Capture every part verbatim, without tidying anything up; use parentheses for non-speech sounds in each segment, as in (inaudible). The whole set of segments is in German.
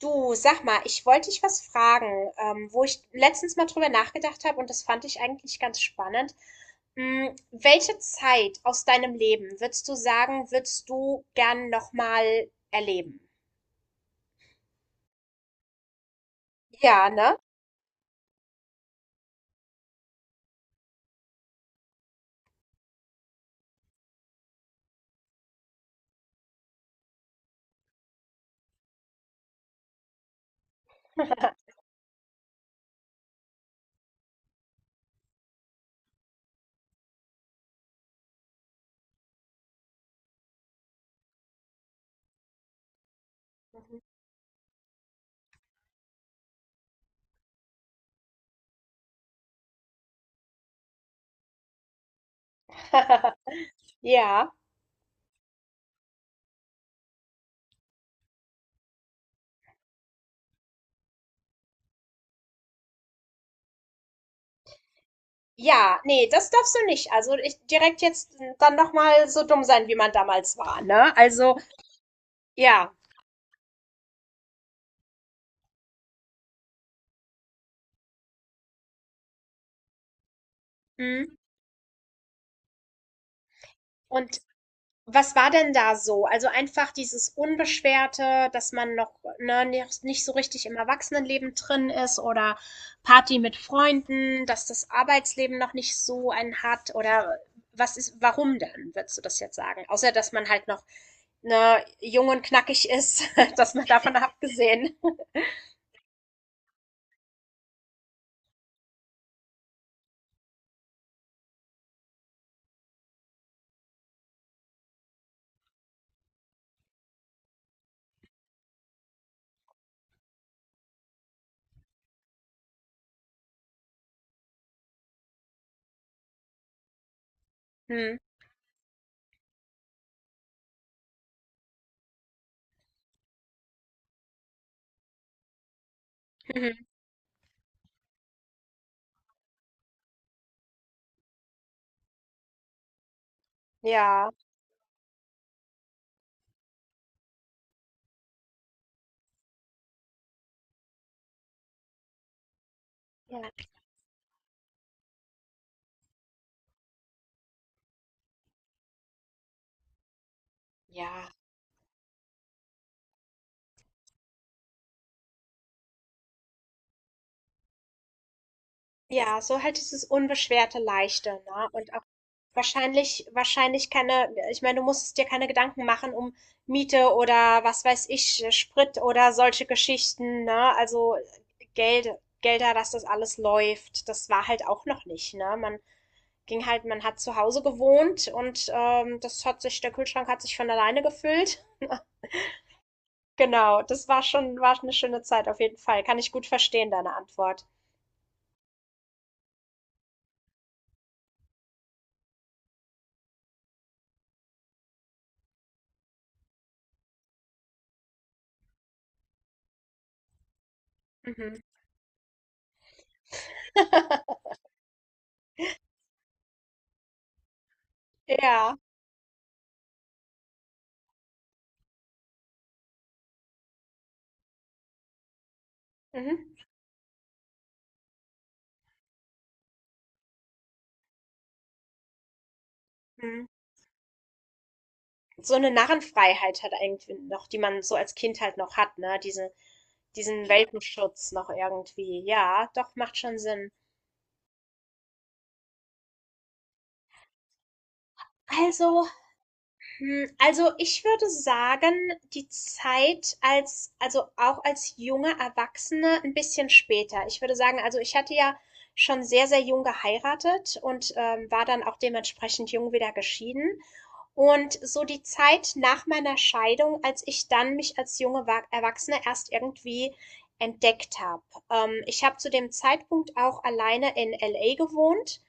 Du, sag mal, ich wollte dich was fragen, ähm, wo ich letztens mal drüber nachgedacht habe und das fand ich eigentlich ganz spannend. Mm, welche Zeit aus deinem Leben würdest du sagen, würdest du gern nochmal erleben? Ja, ne? (laughs) Ja. Ja, nee, das darfst du nicht. Also ich direkt jetzt dann nochmal so dumm sein, wie man damals war, ne? Also, ja. Mhm. Und Was war denn da so? Also einfach dieses Unbeschwerte, dass man noch, ne, nicht nicht so richtig im Erwachsenenleben drin ist oder Party mit Freunden, dass das Arbeitsleben noch nicht so einen hat oder was ist, warum denn, würdest du das jetzt sagen? Außer, dass man halt noch, ne, jung und knackig ist, (laughs) dass man davon (laughs) abgesehen. Hm. Mhm. Ja. Ja. Ja. Ja, so halt dieses unbeschwerte, leichte, ne? Und auch wahrscheinlich, wahrscheinlich keine, ich meine, du musstest dir keine Gedanken machen um Miete oder was weiß ich, Sprit oder solche Geschichten, ne? Also Geld, Gelder, dass das alles läuft, das war halt auch noch nicht, ne? Man ging halt, man hat zu Hause gewohnt und ähm, das hat sich, der Kühlschrank hat sich von alleine gefüllt. (laughs) Genau, das war schon, war eine schöne Zeit auf jeden Fall. Kann ich gut verstehen, deine Antwort. Mhm. (laughs) Ja. Mhm. Mhm. So eine Narrenfreiheit halt irgendwie noch, die man so als Kind halt noch hat, ne? Diese diesen Welpenschutz noch irgendwie. Ja, doch, macht schon Sinn. Also Hm, also, ich würde sagen, die Zeit als also auch als junge Erwachsene ein bisschen später. Ich würde sagen, also, ich hatte ja schon sehr, sehr jung geheiratet und, ähm, war dann auch dementsprechend jung wieder geschieden. Und so die Zeit nach meiner Scheidung, als ich dann mich als junge Wa Erwachsene erst irgendwie entdeckt habe. Ähm, ich habe zu dem Zeitpunkt auch alleine in L A gewohnt,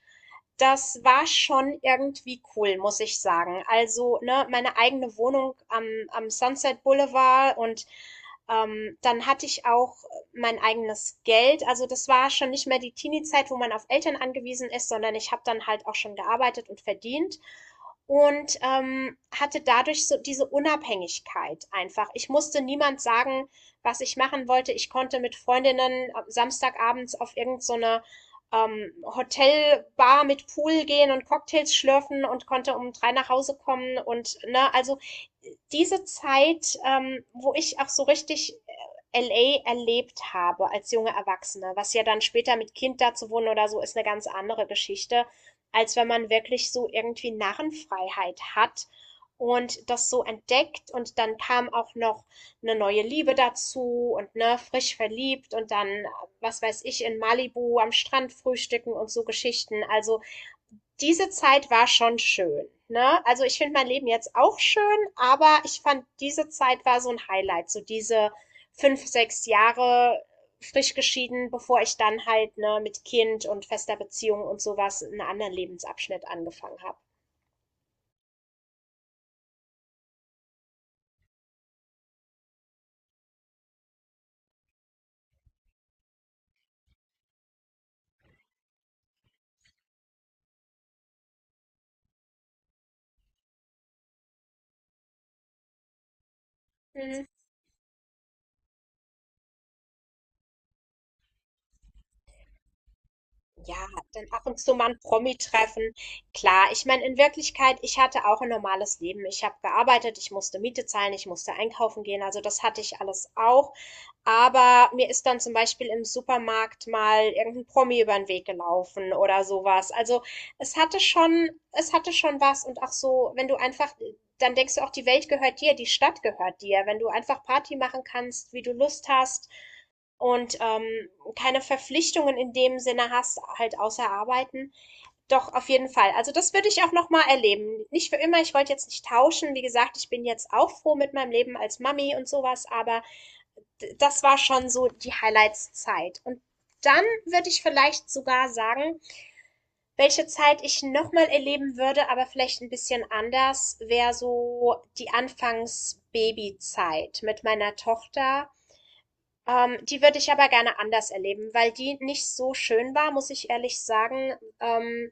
das war schon irgendwie cool, muss ich sagen. Also, ne, meine eigene Wohnung am, am Sunset Boulevard, und ähm, dann hatte ich auch mein eigenes Geld. Also das war schon nicht mehr die Teenie-Zeit, wo man auf Eltern angewiesen ist, sondern ich habe dann halt auch schon gearbeitet und verdient und ähm, hatte dadurch so diese Unabhängigkeit einfach. Ich musste niemand sagen, was ich machen wollte. Ich konnte mit Freundinnen äh, samstagabends auf irgendeine so eine ähm, Hotelbar mit Pool gehen und Cocktails schlürfen und konnte um drei nach Hause kommen und ne, also diese Zeit, ähm, wo ich auch so richtig L A erlebt habe als junge Erwachsene, was ja dann später mit Kind da zu wohnen oder so, ist eine ganz andere Geschichte, als wenn man wirklich so irgendwie Narrenfreiheit hat und das so entdeckt und dann kam auch noch eine neue Liebe dazu und ne, frisch verliebt und dann was weiß ich, in Malibu am Strand frühstücken und so Geschichten. Also diese Zeit war schon schön. Ne? Also ich finde mein Leben jetzt auch schön, aber ich fand, diese Zeit war so ein Highlight. So diese fünf, sechs Jahre frisch geschieden, bevor ich dann halt ne, mit Kind und fester Beziehung und sowas einen anderen Lebensabschnitt angefangen habe. Mhm. Ja, dann ab und zu mal ein Promi treffen. Klar, ich meine, in Wirklichkeit, ich hatte auch ein normales Leben. Ich habe gearbeitet, ich musste Miete zahlen, ich musste einkaufen gehen, also das hatte ich alles auch. Aber mir ist dann zum Beispiel im Supermarkt mal irgendein Promi über den Weg gelaufen oder so was. Also, es hatte schon es hatte schon was und auch so, wenn du einfach dann denkst du auch, die Welt gehört dir, die Stadt gehört dir, wenn du einfach Party machen kannst, wie du Lust hast. Und, ähm keine Verpflichtungen in dem Sinne hast, halt außer Arbeiten. Doch, auf jeden Fall. Also das würde ich auch nochmal erleben. Nicht für immer, ich wollte jetzt nicht tauschen. Wie gesagt, ich bin jetzt auch froh mit meinem Leben als Mami und sowas, aber das war schon so die Highlights-Zeit. Und dann würde ich vielleicht sogar sagen, welche Zeit ich nochmal erleben würde, aber vielleicht ein bisschen anders, wäre so die Anfangs-Baby-Zeit mit meiner Tochter. Ähm, die würde ich aber gerne anders erleben, weil die nicht so schön war, muss ich ehrlich sagen. Ähm,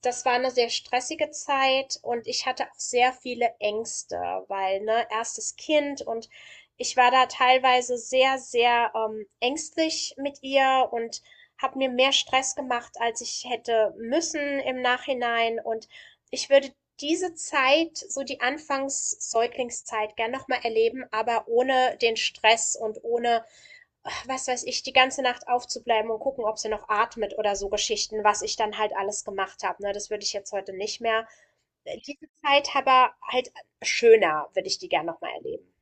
Das war eine sehr stressige Zeit und ich hatte auch sehr viele Ängste, weil, ne, erstes Kind, und ich war da teilweise sehr, sehr ähm, ängstlich mit ihr und habe mir mehr Stress gemacht, als ich hätte müssen im Nachhinein. Und ich würde diese Zeit, so die Anfangs-Säuglingszeit, gern nochmal erleben, aber ohne den Stress und ohne was weiß ich, die ganze Nacht aufzubleiben und gucken, ob sie noch atmet oder so Geschichten, was ich dann halt alles gemacht habe. Ne? Das würde ich jetzt heute nicht mehr. Äh, Diese Zeit aber halt schöner, würde ich die gern nochmal erleben.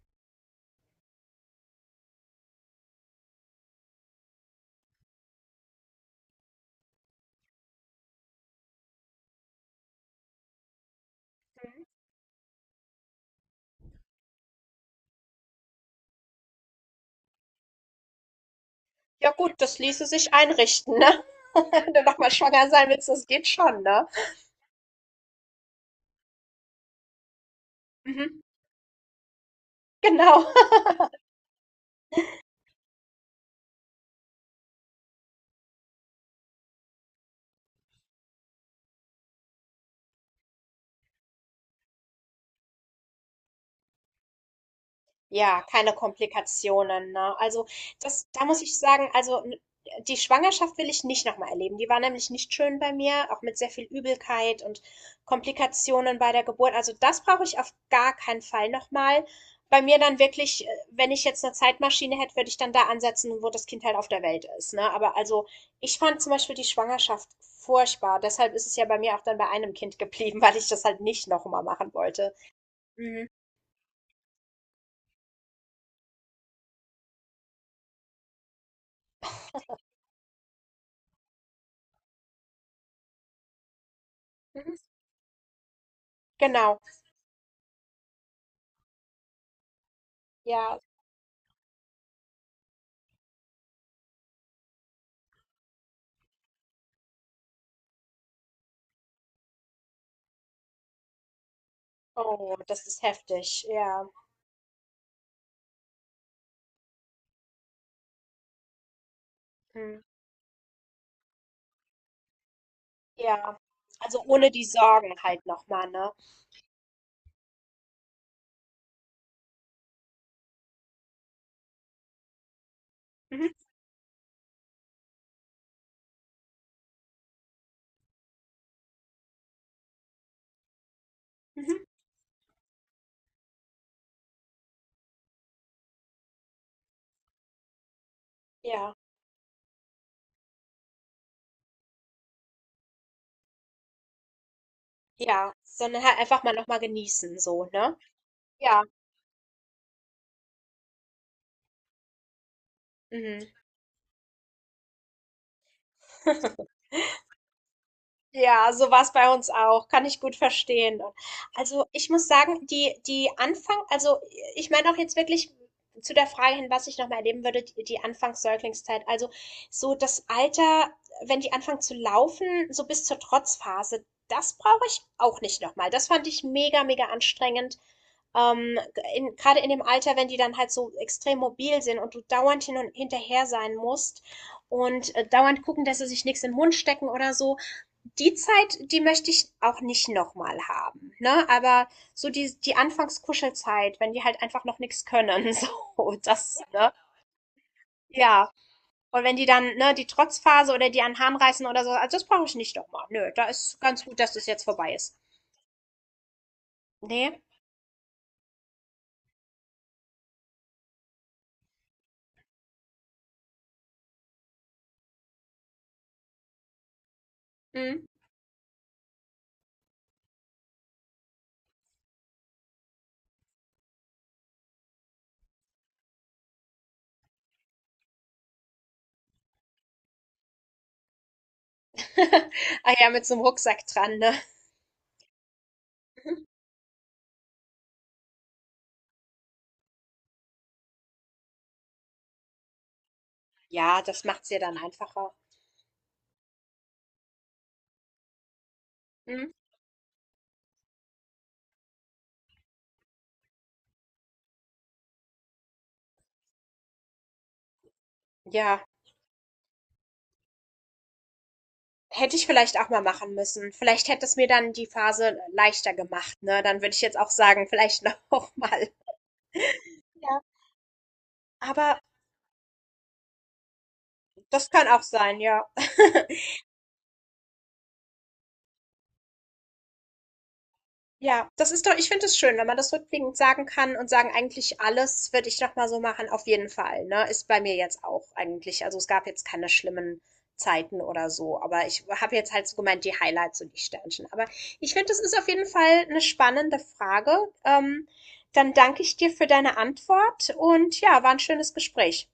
Mhm. Ja gut, das ließe sich einrichten, ne? (laughs) Wenn du nochmal schwanger sein willst, das geht schon, ne? Mhm. Genau. Ja, keine Komplikationen, ne? Also das, da muss ich sagen, also n- die Schwangerschaft will ich nicht nochmal erleben. Die war nämlich nicht schön bei mir, auch mit sehr viel Übelkeit und Komplikationen bei der Geburt. Also das brauche ich auf gar keinen Fall nochmal. Bei mir dann wirklich, äh, wenn ich jetzt eine Zeitmaschine hätte, würde ich dann da ansetzen, wo das Kind halt auf der Welt ist, ne? Aber also ich fand zum Beispiel die Schwangerschaft furchtbar. Deshalb ist es ja bei mir auch dann bei einem Kind (laughs) geblieben, weil ich das halt nicht nochmal machen wollte. Mhm. Mhm. Genau. Ja. Oh, das ist heftig, ja. Mhm. Ja. Also ohne die Sorgen halt nochmal, ne? Mhm. Mhm. Ja. Ja. Sondern halt einfach mal nochmal genießen, so, ne? Ja. Mhm. (laughs) Ja, so war's bei uns auch. Kann ich gut verstehen. Also ich muss sagen, die, die Anfang, also ich meine auch jetzt wirklich zu der Frage hin, was ich nochmal erleben würde, die, die Anfangs-Säuglingszeit. Also so das Alter, wenn die anfangen zu laufen, so bis zur Trotzphase, das brauche ich auch nicht nochmal. Das fand ich mega, mega anstrengend. Ähm, in, Gerade in dem Alter, wenn die dann halt so extrem mobil sind und du dauernd hin und hinterher sein musst und äh, dauernd gucken, dass sie sich nichts in den Mund stecken oder so. Die Zeit, die möchte ich auch nicht nochmal haben, ne? Aber so die die Anfangskuschelzeit, wenn die halt einfach noch nichts können, (laughs) so, das, ne? Ja. Und wenn die dann, ne, die Trotzphase oder die an den Haaren reißen oder so, also das brauche ich nicht nochmal. Nö, da ist ganz gut, dass das jetzt vorbei ist. Ne? Mhm. (laughs) Ah ja, mit so einem Rucksack dran, ne? (laughs) Ja, das macht's ja dann einfacher. Mhm. Ja, hätte ich vielleicht auch mal machen müssen. Vielleicht hätte es mir dann die Phase leichter gemacht, ne? Dann würde ich jetzt auch sagen: (laughs) „Vielleicht noch mal." Ja, aber das kann auch sein, ja. (laughs) Ja, das ist doch, ich finde es schön, wenn man das rückblickend sagen kann und sagen, eigentlich alles würde ich noch mal so machen, auf jeden Fall, ne? Ist bei mir jetzt auch eigentlich. Also es gab jetzt keine schlimmen Zeiten oder so, aber ich habe jetzt halt so gemeint, die Highlights und die Sternchen. Aber ich finde, das ist auf jeden Fall eine spannende Frage. Ähm, Dann danke ich dir für deine Antwort und ja, war ein schönes Gespräch.